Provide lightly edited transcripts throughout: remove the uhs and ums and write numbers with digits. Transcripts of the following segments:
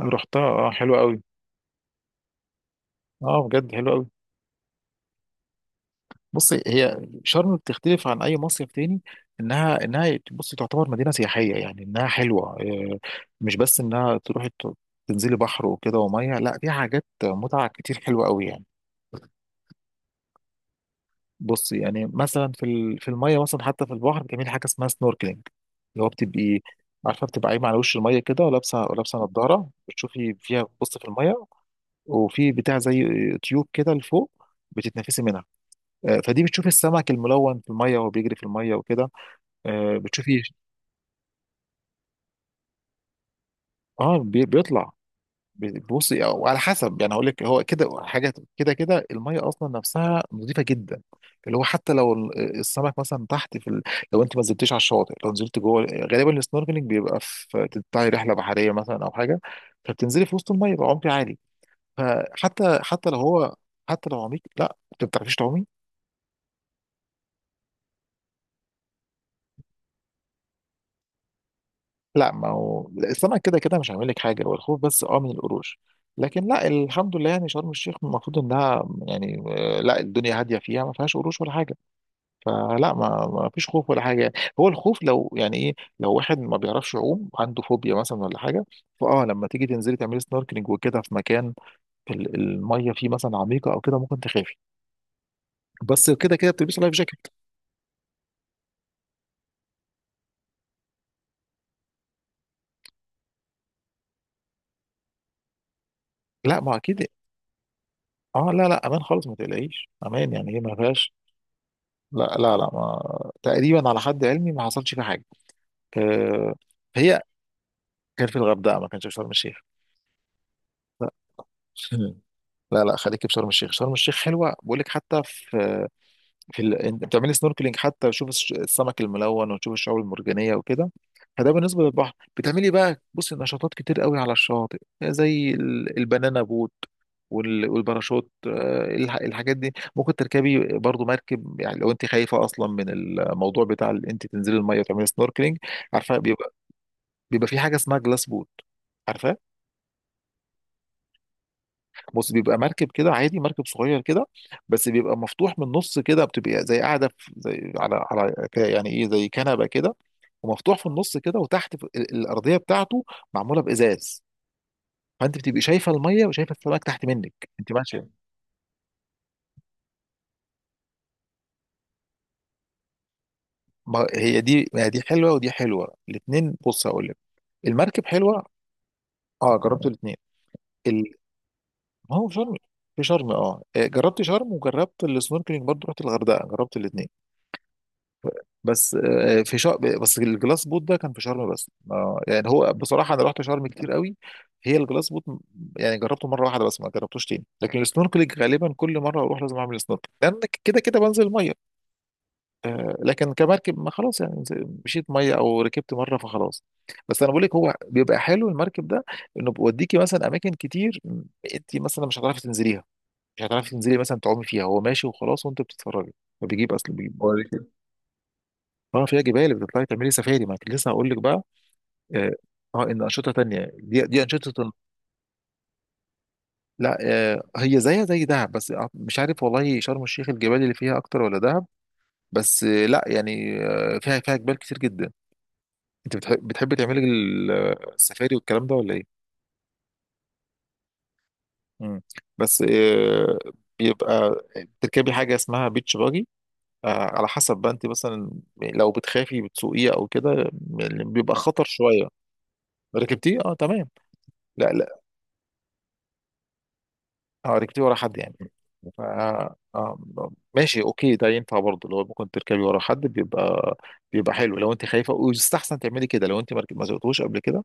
رحتها، اه حلوة قوي. اه بجد حلوة قوي. بصي، هي شرم بتختلف عن اي مصيف تاني. انها بصي تعتبر مدينة سياحية، يعني انها حلوة. مش بس انها تروحي تنزلي بحر وكده ومية، لا فيها حاجات متعة كتير حلوة قوي يعني. بصي، يعني مثلا في المية مثلا، حتى في البحر بتعملي حاجة اسمها سنوركلينج، اللي هو بتبقي، عارفة، بتبقى قايمة على وش المية كده، ولابسة نضارة بتشوفي فيها، بتبصي في المية. وفي بتاع زي تيوب كده لفوق بتتنفسي منها. فدي بتشوفي السمك الملون في الميه وهو بيجري في الميه وكده. آه، بتشوفي بيطلع. بصي، وعلى حسب، يعني هقول لك هو كده حاجه كده كده. الميه اصلا نفسها نظيفه جدا، اللي هو حتى لو السمك مثلا تحت في ال... لو انت ما نزلتيش على الشاطئ، لو نزلت جوه، غالبا السنوركلينج بيبقى في، تطلعي رحله بحريه مثلا او حاجه، فبتنزلي في وسط الميه بعمق عالي. فحتى لو هو، حتى لو عميق، لا انت ما بتعرفيش تعومي. لا، ما هو السمك كده كده مش هعمل لك حاجه، والخوف بس اه من القروش. لكن لا، الحمد لله، يعني شرم الشيخ المفروض انها يعني، لا، الدنيا هاديه، فيها ما فيهاش قروش ولا حاجه. فلا، ما فيش خوف ولا حاجه يعني. هو الخوف لو يعني ايه، لو واحد ما بيعرفش يعوم عنده فوبيا مثلا ولا حاجه، فاه لما تيجي تنزلي تعملي سنوركلينج وكده في مكان الميه فيه مثلا عميقه او كده، ممكن تخافي. بس كده كده بتلبسي لايف جاكيت. لا ما اكيد. اه لا لا، امان خالص، ما تقلقيش، امان يعني، هي ما فيهاش. لا ما، تقريبا على حد علمي ما حصلش فيه حاجه. أه. هي كان في الغردقه، ما كانش في شرم الشيخ. لا لا خليك في شرم الشيخ، شرم الشيخ حلوه، بقول لك. حتى في، في ال... انت بتعملي سنوركلينج حتى تشوف السمك الملون وتشوف الشعاب المرجانيه وكده. فده بالنسبه للبحر. بتعملي بقى، بصي، نشاطات كتير قوي على الشاطئ، زي البنانا بوت والباراشوت. الحاجات دي ممكن تركبي برضو مركب، يعني لو انت خايفه اصلا من الموضوع بتاع انت تنزلي الميه وتعملي سنوركلينج. عارفه، بيبقى، بيبقى في حاجه اسمها جلاس بوت، عارفه. بص، بيبقى مركب كده عادي، مركب صغير كده، بس بيبقى مفتوح من النص كده. بتبقى زي قاعده في زي على يعني ايه زي كنبه كده، ومفتوح في النص كده، وتحت في الارضيه بتاعته معموله بازاز. فانت بتبقى شايفه الميه وشايفه السمك تحت منك انت ماشيه. ما هي دي حلوه، ودي حلوه، الاثنين. بص هقول لك، المركب حلوه. اه، جربت الاثنين. ال... ما هو في شرم، في شرم. اه جربت شرم، وجربت السنوركلينج برضه رحت الغردقه، جربت الاثنين. بس آه، في شرم، بس الجلاس بوت ده كان في شرم بس. يعني هو بصراحة أنا رحت شرم كتير قوي. هي الجلاس بوت م-، يعني جربته مرة واحدة بس، ما جربتوش تاني. لكن السنوركلينج غالبا كل مرة أروح لازم أعمل سنوركلينج، لأن كده كده بنزل المية. لكن كمركب، ما خلاص يعني، نز- مشيت مية أو ركبت مرة فخلاص. بس أنا بقول لك، هو بيبقى حلو المركب ده، إنه بيوديكي مثلا أماكن كتير م-، أنت مثلا مش هتعرفي تنزليها، مش هتعرفي تنزلي مثلا تعومي فيها، هو ماشي وخلاص وأنت بتتفرجي. فبيجيب، أصل بيجيب. اه فيها جبال، بتطلعي تعملي سفاري، ما كنت لسه هقول لك بقى. اه ان انشطه تانية، دي انشطه. لا، آه هي زيها زي دهب، بس آه، مش عارف والله شرم الشيخ الجبال اللي فيها اكتر ولا دهب. بس آه لا يعني آه، فيها جبال كتير جدا. انت بتحبي تعملي السفاري والكلام ده ولا ايه؟ مم. بس آه، بيبقى، بتركبي حاجه اسمها بيتش باجي. آه، على حسب بقى انت مثلا لو بتخافي بتسوقيه او كده، بيبقى خطر شويه. ركبتيه، اه تمام. لا لا، اه ركبتيه ورا حد يعني. ف، آم، ماشي، اوكي، ده ينفع برضه لو ممكن تركبي ورا حد، بيبقى، بيبقى حلو لو انت خايفه، ويستحسن تعملي كده لو انت ما رك- ما سوقتوش قبل كده.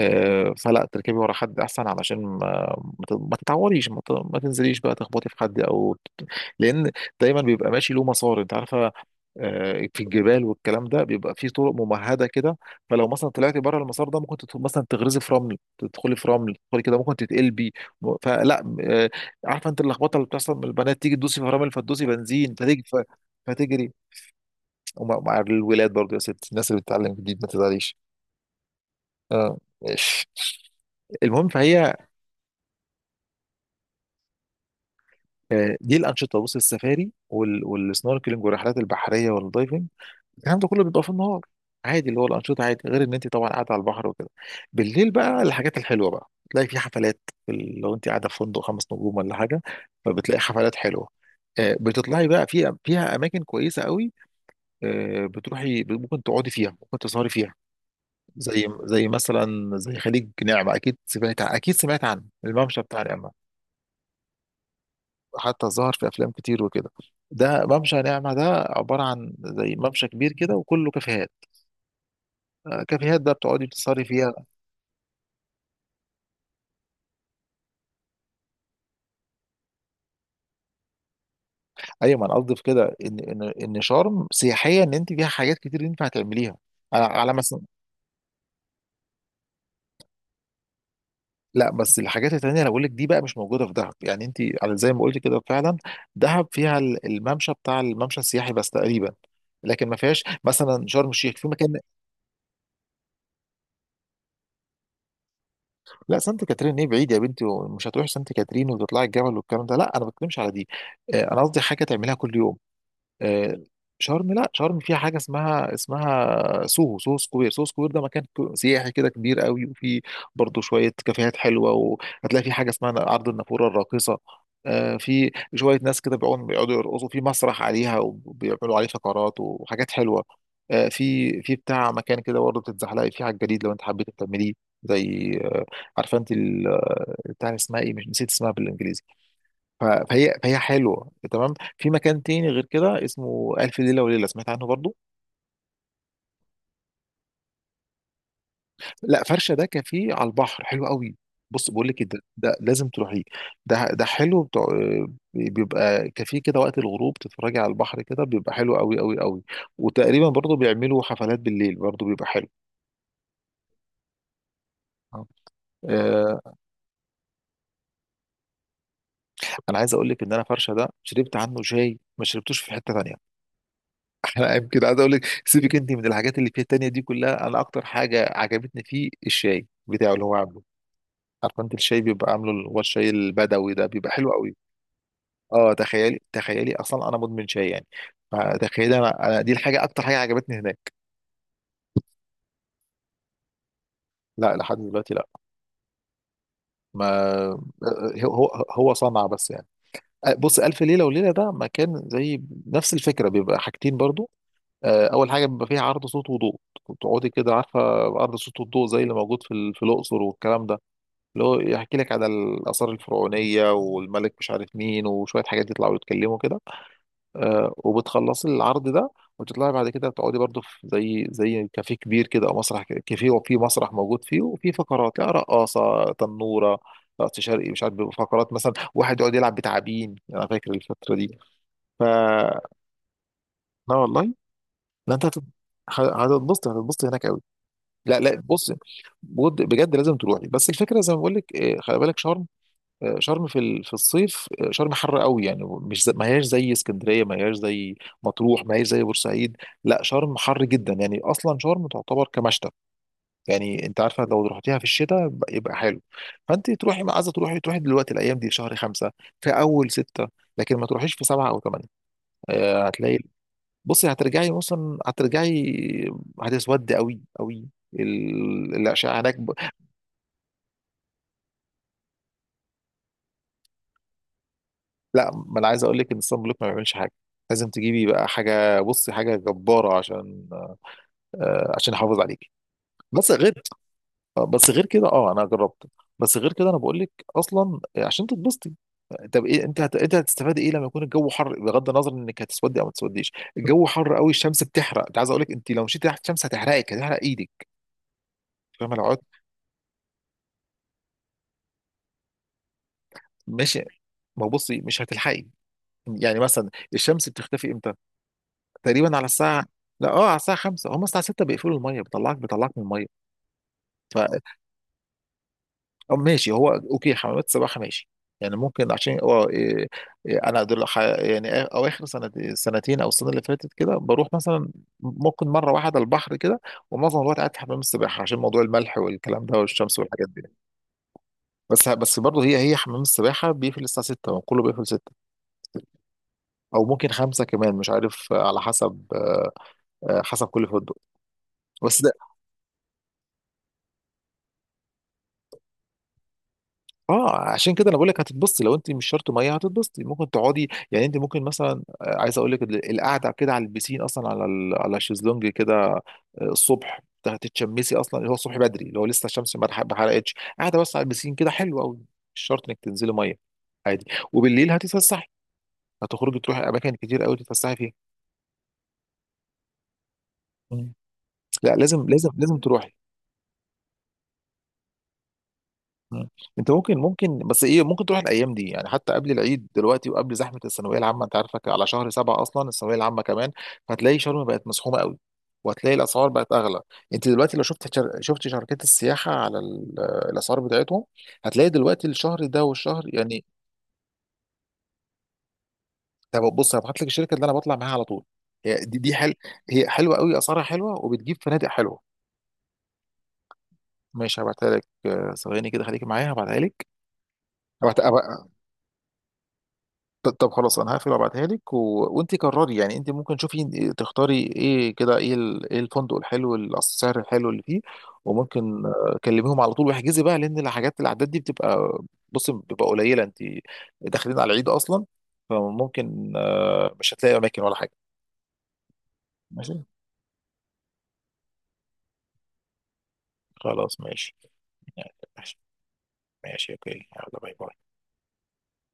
فلا تركبي ورا حد احسن، علشان ما تتعوريش، ما تنزليش بقى تخبطي في حد او ت-، لان دايما بيبقى ماشي له مسار، انت عارفه، في الجبال والكلام ده بيبقى في طرق ممهده كده، فلو مثلا طلعتي بره المسار ده ممكن تت- مثلا تغرزي في رمل، تدخلي في رمل تدخلي كده ممكن تتقلبي. م- فلا آه، عارفه انت اللخبطه اللي بتحصل من البنات، تيجي تدوسي في رمل فتدوسي بنزين فتجري، فتجري. ومع الولاد برضه، يا ست الناس اللي بتتعلم جديد ما تزعليش. اه ماشي. المهم، فهي، دي الانشطه، بص، السفاري والسنوركلينج والرحلات البحريه والدايفنج، الكلام ده كله بيبقى في النهار عادي. اللي هو الانشطه عادي، غير ان انت طبعا قاعده على البحر وكده. بالليل بقى الحاجات الحلوه بقى، تلاقي في حفلات، لو انت قاعده في فندق خمس نجوم ولا حاجه، فبتلاقي حفلات حلوه. بتطلعي بقى فيها، فيها اماكن كويسه قوي. بتروحي، ممكن تقعدي فيها، ممكن تسهري فيها. زي مثلا زي خليج نعمه، اكيد سمعت عن الممشى بتاع نعمه، حتى ظهر في افلام كتير وكده. ده ممشى نعمة ده، عبارة عن زي ممشى كبير كده وكله كافيهات. كافيهات بقى بتقعدي تسهري فيها. ايوه، ما انا قصدي في كده ان شرم سياحية، ان انت فيها حاجات كتير ينفع تعمليها، على مثلا. لا، بس الحاجات التانية اللي بقول لك دي بقى مش موجودة في دهب، يعني انت على زي ما قلت كده فعلا، دهب فيها الممشى، بتاع الممشى السياحي بس تقريبا، لكن ما فيهاش مثلا شرم الشيخ، في مكان. لا، سانت كاترين ايه بعيد يا بنتي، ومش هتروحي سانت كاترين وتطلعي الجبل والكلام ده، لا انا ما بتكلمش على دي. انا قصدي حاجه تعملها كل يوم. آه، شرم، لا شرم فيها حاجه اسمها سوهو سكوير سوهو سكوير ده، مكان كو- سياحي كده، كبير قوي، وفي برضه شويه كافيهات حلوه. وهتلاقي في حاجه اسمها عرض النافوره الراقصه، في شويه ناس كده بيقعدوا يرقصوا في مسرح عليها، وبيعملوا عليه فقرات وحاجات حلوه. في بتاع مكان كده برضه بتتزحلقي فيه على الجليد لو انت حبيت تعمليه، زي، عارفه انت ال- بتاع، اسمها ايه، مش نسيت اسمها بالانجليزي. ف-، فهي حلوه تمام. في مكان تاني غير كده اسمه الف ليله وليله، سمعت عنه برضو. لا، فرشه ده كافيه على البحر حلو قوي. بص بقول لك إيه، ده لازم تروحيه، ده حلو بتاع، بيبقى كافيه كده، وقت الغروب تتفرجي على البحر كده، بيبقى حلو قوي قوي قوي. وتقريبا برضو بيعملوا حفلات بالليل برضو، بيبقى حلو. آه، انا عايز اقول لك ان انا فرشه ده، شربت عنه شاي ما شربتوش في حته تانيه. انا يمكن عايز اقول لك سيبك انت من الحاجات اللي فيها التانية دي كلها، انا اكتر حاجه عجبتني فيه الشاي بتاعه، اللي هو عامله، عارفه انت الشاي، بيبقى عامله اللي هو الشاي البدوي ده، بيبقى حلو قوي. اه، تخيلي، تخيلي اصلا انا مدمن شاي يعني، فتخيلي، انا دي الحاجه، اكتر حاجه عجبتني هناك. لا، لحد دلوقتي لا. ما، هو صنع بس يعني. بص، الف ليله وليله ده مكان زي نفس الفكره، بيبقى حاجتين برضو. اول حاجه بيبقى فيها عرض صوت وضوء، تقعدي كده عارفه، عرض صوت وضوء زي اللي موجود في في الاقصر والكلام ده، اللي هو يحكي لك على الآثار الفرعونية والملك مش عارف مين، وشوية حاجات يطلعوا يتكلموا كده. وبتخلصي العرض ده، وتطلعي بعد كده تقعدي برضو في زي كافيه كبير كده، او مسرح كافيه، وفي مسرح موجود فيه، وفي فقرات، يعني رقاصة تنورة، رقص شرقي، مش عارف، فقرات مثلا واحد يقعد يلعب بتعابين، انا فاكر الفترة دي. ف، لا والله، لا انت هتت-، هتتبسطي هناك قوي. لا لا، بص، بجد بجد لازم تروحي. بس الفكره زي ما بقول لك، خلي بالك، شرم، شرم في الصيف، شرم حر قوي، يعني مش زي ما هياش زي اسكندريه، ما هياش زي مطروح، ما هياش زي بورسعيد. لا شرم حر جدا يعني، اصلا شرم تعتبر كمشتى، يعني انت عارفه لو رحتيها في الشتاء ب- يبقى حلو. فانت تروحي، ما عايزه تروحي، تروحي دلوقتي، الايام دي في شهر خمسه، في اول سته، لكن ما تروحيش في سبعه او ثمانيه. هتلاقي، بصي، هترجعي مثلا، هترجعي هتسودي قوي قوي، الاشعه هناك. لا، ما انا عايز اقول لك ان الصن بلوك ما بيعملش حاجه، لازم تجيبي بقى حاجه، بصي حاجه جباره، عشان، آه، عشان يحافظ عليكي. بس غير، بس غير كده اه انا جربت. بس غير كده انا بقول لك اصلا، عشان تتبسطي. طب ايه انت هت...، انت هتستفاد ايه لما يكون الجو حر، بغض النظر انك هتسودي او ما تسوديش، الجو حر قوي، الشمس بتحرق، انت عايز اقول لك انت لو مشيتي تحت الشمس هتحرقك، هتحرق ايدك، فاهمه، لو قعدت، ماشي ما بصي مش هتلحقي، يعني مثلا الشمس بتختفي امتى، تقريبا على الساعه، لا اه، على الساعه 5 هم الساعه 6 بيقفلوا الميه، بيطلعك من الميه. ف، أو ماشي، هو اوكي حمامات السباحه ماشي، يعني ممكن عشان اه إيه، إيه، انا دول ح- يعني آ- او اخر سنة سنتين او السنه اللي فاتت كده بروح مثلا ممكن مره واحده البحر كده، ومعظم الوقت قاعد في حمام السباحه عشان موضوع الملح والكلام ده والشمس والحاجات دي. بس برضه، هي حمام السباحه بيقفل الساعه 6، وكله بيقفل 6، او ممكن 5 كمان مش عارف، على حسب، حسب كل فندق. بس اه عشان كده انا بقول لك هتتبسطي، لو انت مش شرط ميه هتتبسطي، ممكن تقعدي، يعني انت ممكن مثلا، عايز اقول لك القعده كده على البسين، اصلا على على الشезлونج كده. الصبح هتتشمسي، اصلا اللي هو الصبح بدري اللي هو لسه الشمس ما اتح- ما حرقتش، قاعده بس على البسين كده، حلو قوي، مش شرط انك تنزلي ميه، عادي. وبالليل هتتفسحي، هتخرجي تروحي اماكن كتير قوي تتفسحي فيها. مم. لا لازم تروحي. مم. انت ممكن، ممكن بس ايه ممكن تروح الايام دي يعني، حتى قبل العيد دلوقتي، وقبل زحمه الثانويه العامه، انت عارفك على شهر سبعه اصلا الثانويه العامه كمان، فهتلاقي شرم بقت مزحومه قوي، وهتلاقي الاسعار بقت اغلى. انت دلوقتي لو شفت شر...، شفت شركات السياحه على الاسعار بتاعتهم، هتلاقي دلوقتي الشهر ده والشهر، يعني. طب بص، هبعت لك الشركه اللي انا بطلع معاها على طول، هي دي حل...، هي حلوه قوي، اسعارها حلوه، وبتجيب فنادق حلوه. ماشي هبعتها لك، ثواني كده خليك معايا هبعتها لك. ط- طب خلاص، انا هقفل وابعتها لك و...، وانت قرري يعني، انت ممكن تشوفي تختاري ايه كده، ايه ال...، ايه الفندق الحلو، السعر الحلو اللي فيه. وممكن، كلميهم على طول واحجزي بقى، لان الحاجات الاعداد دي بتبقى، بصي بتبقى قليله، انت داخلين على العيد اصلا، فممكن، مش هتلاقي اماكن ولا حاجه. ماشي، خلاص ماشي، يعني ماشي. ماشي اوكي، يلا، باي باي.